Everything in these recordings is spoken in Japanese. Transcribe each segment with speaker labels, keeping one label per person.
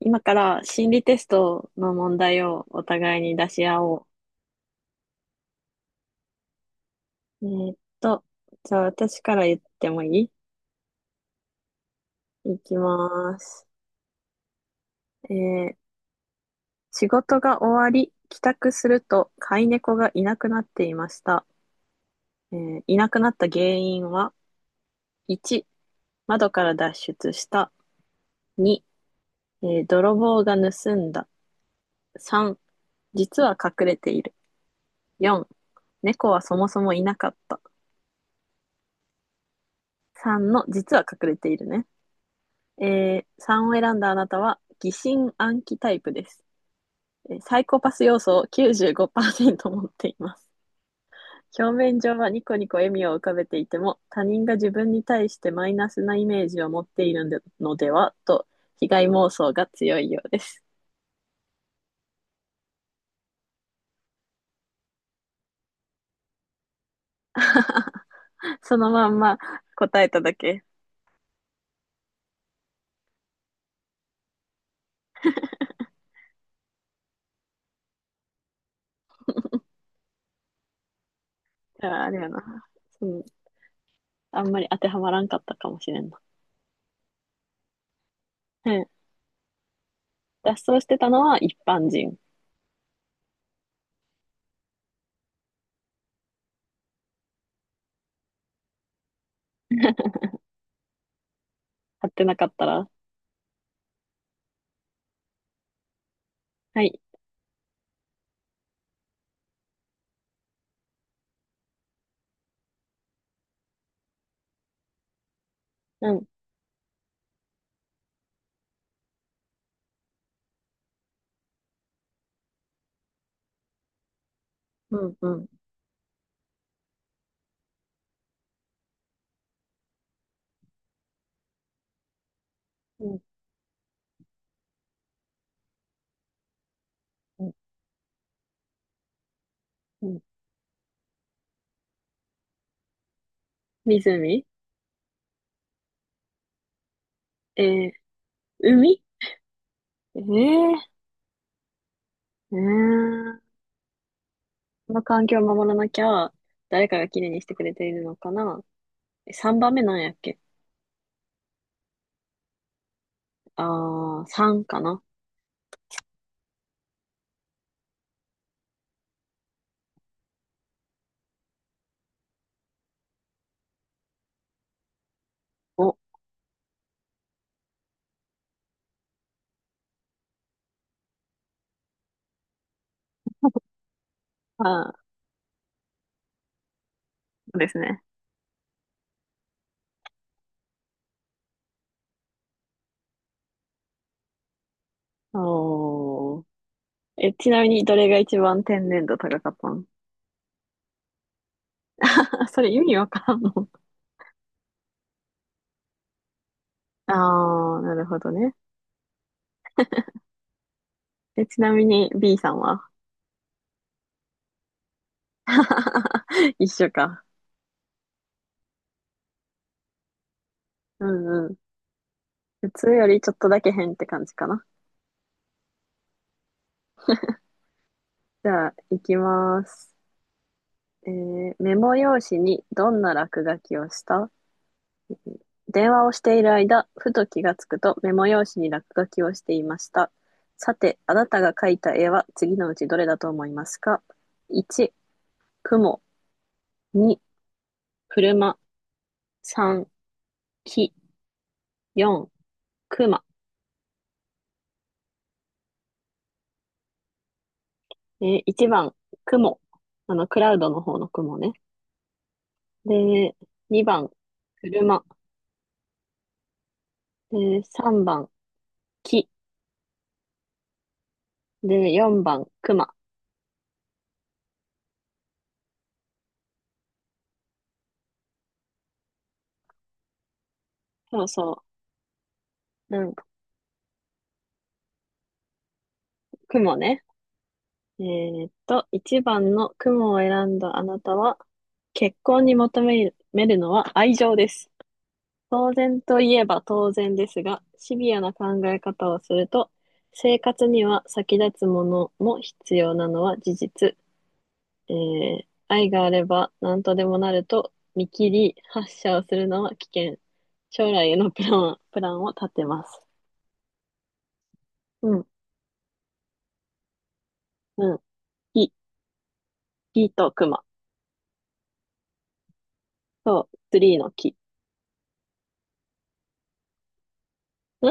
Speaker 1: 今から心理テストの問題をお互いに出し合おう。じゃあ私から言ってもいい？いきます。えー仕事が終わり、帰宅すると飼い猫がいなくなっていました。いなくなった原因は、1、窓から脱出した。2、泥棒が盗んだ。3、実は隠れている。4、猫はそもそもいなかった。3の実は隠れているね。3を選んだあなたは疑心暗鬼タイプです。サイコパス要素を95%持っています。表面上はニコニコ笑みを浮かべていても、他人が自分に対してマイナスなイメージを持っているのでのではと、被害妄想が強いようです。そのまんま答えただけ。あー、あれやな。うん。あんまり当てはまらんかったかもしれんな。うん。脱走してたのは一般人。買ってなかったら。はい。うん。うん、うん。うん、うん、うん。湖。えー、海。えー、うーん。この環境を守らなきゃ、誰かがきれいにしてくれているのかな。3番目なんやっけ？あー、3かな。お、あー、そうですね。おー。え、ちなみに、どれが一番天然度高かったの？ それ意味わからんの。あー、なるほどね。え、ちなみに、B さんは？ 一緒か。うんうん。普通よりちょっとだけ変って感じかな。じゃあ、行きます。メモ用紙にどんな落書きをした？電話をしている間、ふと気がつくとメモ用紙に落書きをしていました。さて、あなたが描いた絵は次のうちどれだと思いますか？ 1、雲。2、車。3、木。4、熊。1番、雲。クラウドの方の雲ね。で、2番、車。で、3番、木。で、4番、熊。そうそう。うん、雲ね。1番の雲を選んだあなたは、結婚に求めるのは愛情です。当然といえば当然ですが、シビアな考え方をすると、生活には先立つものも必要なのは事実。えー愛があれば何とでもなると見切り発射をするのは危険。将来へのプランを立てます。うん、うん。木、木と熊と、ツリーの木。ん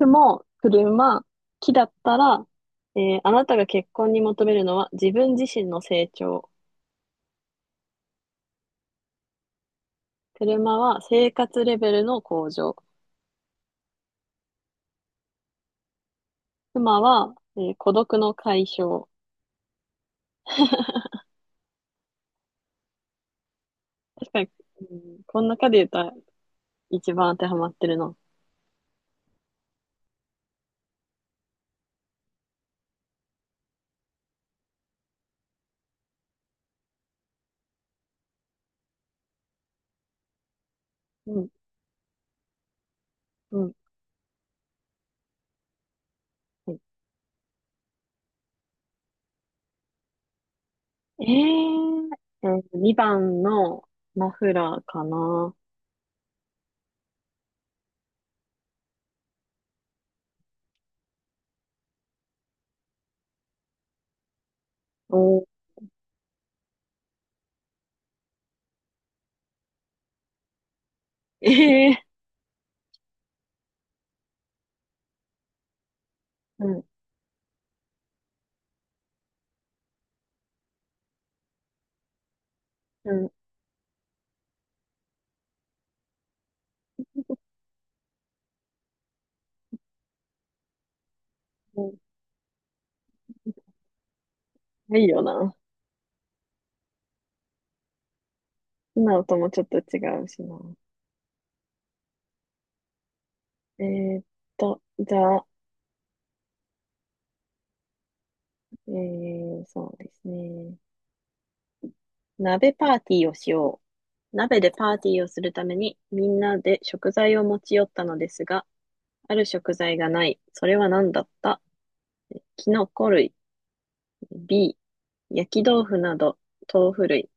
Speaker 1: も車、木だったら、あなたが結婚に求めるのは自分自身の成長。車は生活レベルの向上。妻は、孤独の解消。確かに、うん、この中で言ったら一番当てはまってるの。うん、うん。はい。え2番のマフラーかな。おー、えー、うん、うん、うん。いいよな。今のともちょっと違うしな。えーっじゃあ、そうですね。鍋パーティーをしよう。鍋でパーティーをするためにみんなで食材を持ち寄ったのですが、ある食材がない。それは何だった？キノコ類。B、焼き豆腐など豆腐類。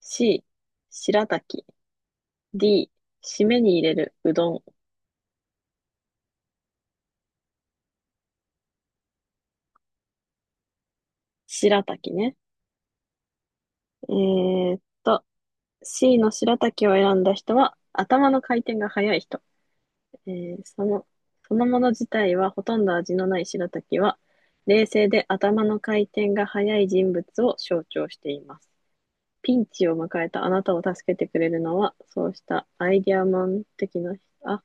Speaker 1: C、白滝。D、締めに入れるうどん。白滝ね。えーっと、C の白滝を選んだ人は頭の回転が速い人。えーその、そのもの自体はほとんど味のない白滝は、冷静で頭の回転が速い人物を象徴しています。ピンチを迎えたあなたを助けてくれるのは、そうしたアイディアマン的な、あ、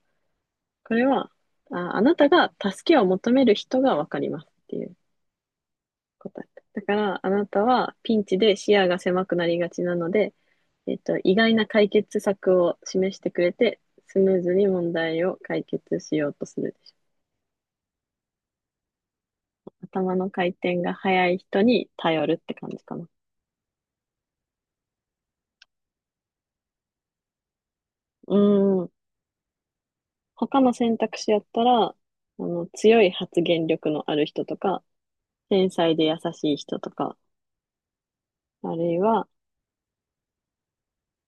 Speaker 1: これは、あ、あなたが助けを求める人がわかりますっていう答え。だから、あなたはピンチで視野が狭くなりがちなので、意外な解決策を示してくれて、スムーズに問題を解決しようとするでしょう。頭の回転が速い人に頼るって感じかな。うん。他の選択肢やったら、強い発言力のある人とか、繊細で優しい人とか、あるいは、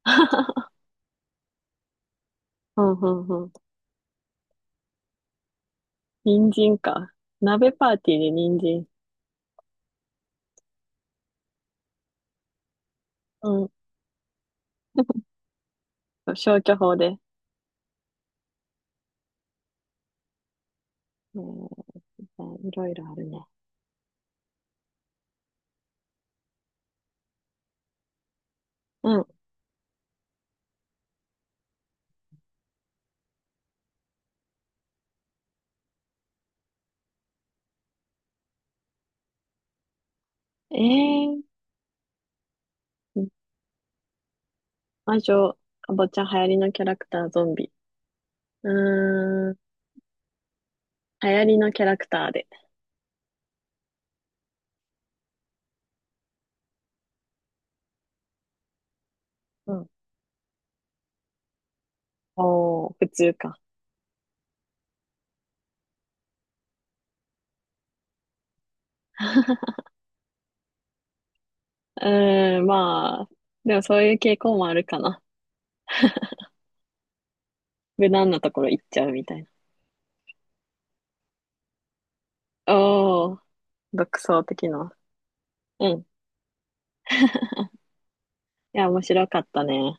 Speaker 1: うんうんうん。人参か。鍋パーティーで人参。うん。消去法で。えー、いろいろあるね。うん。えー、うん、魔女、かぼちゃ、流行りのキャラクター、ゾンビ。うーん、流行りのキャラクターで。うん。おー、普通か。うーん、まあ、でもそういう傾向もあるかな。無難なところ行っちゃうみたいな。おー、独創的な。うん。いや、面白かったね。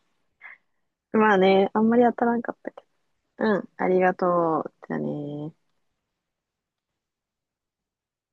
Speaker 1: まあね、あんまり当たらんかったけど。うん、ありがとう。じゃあね。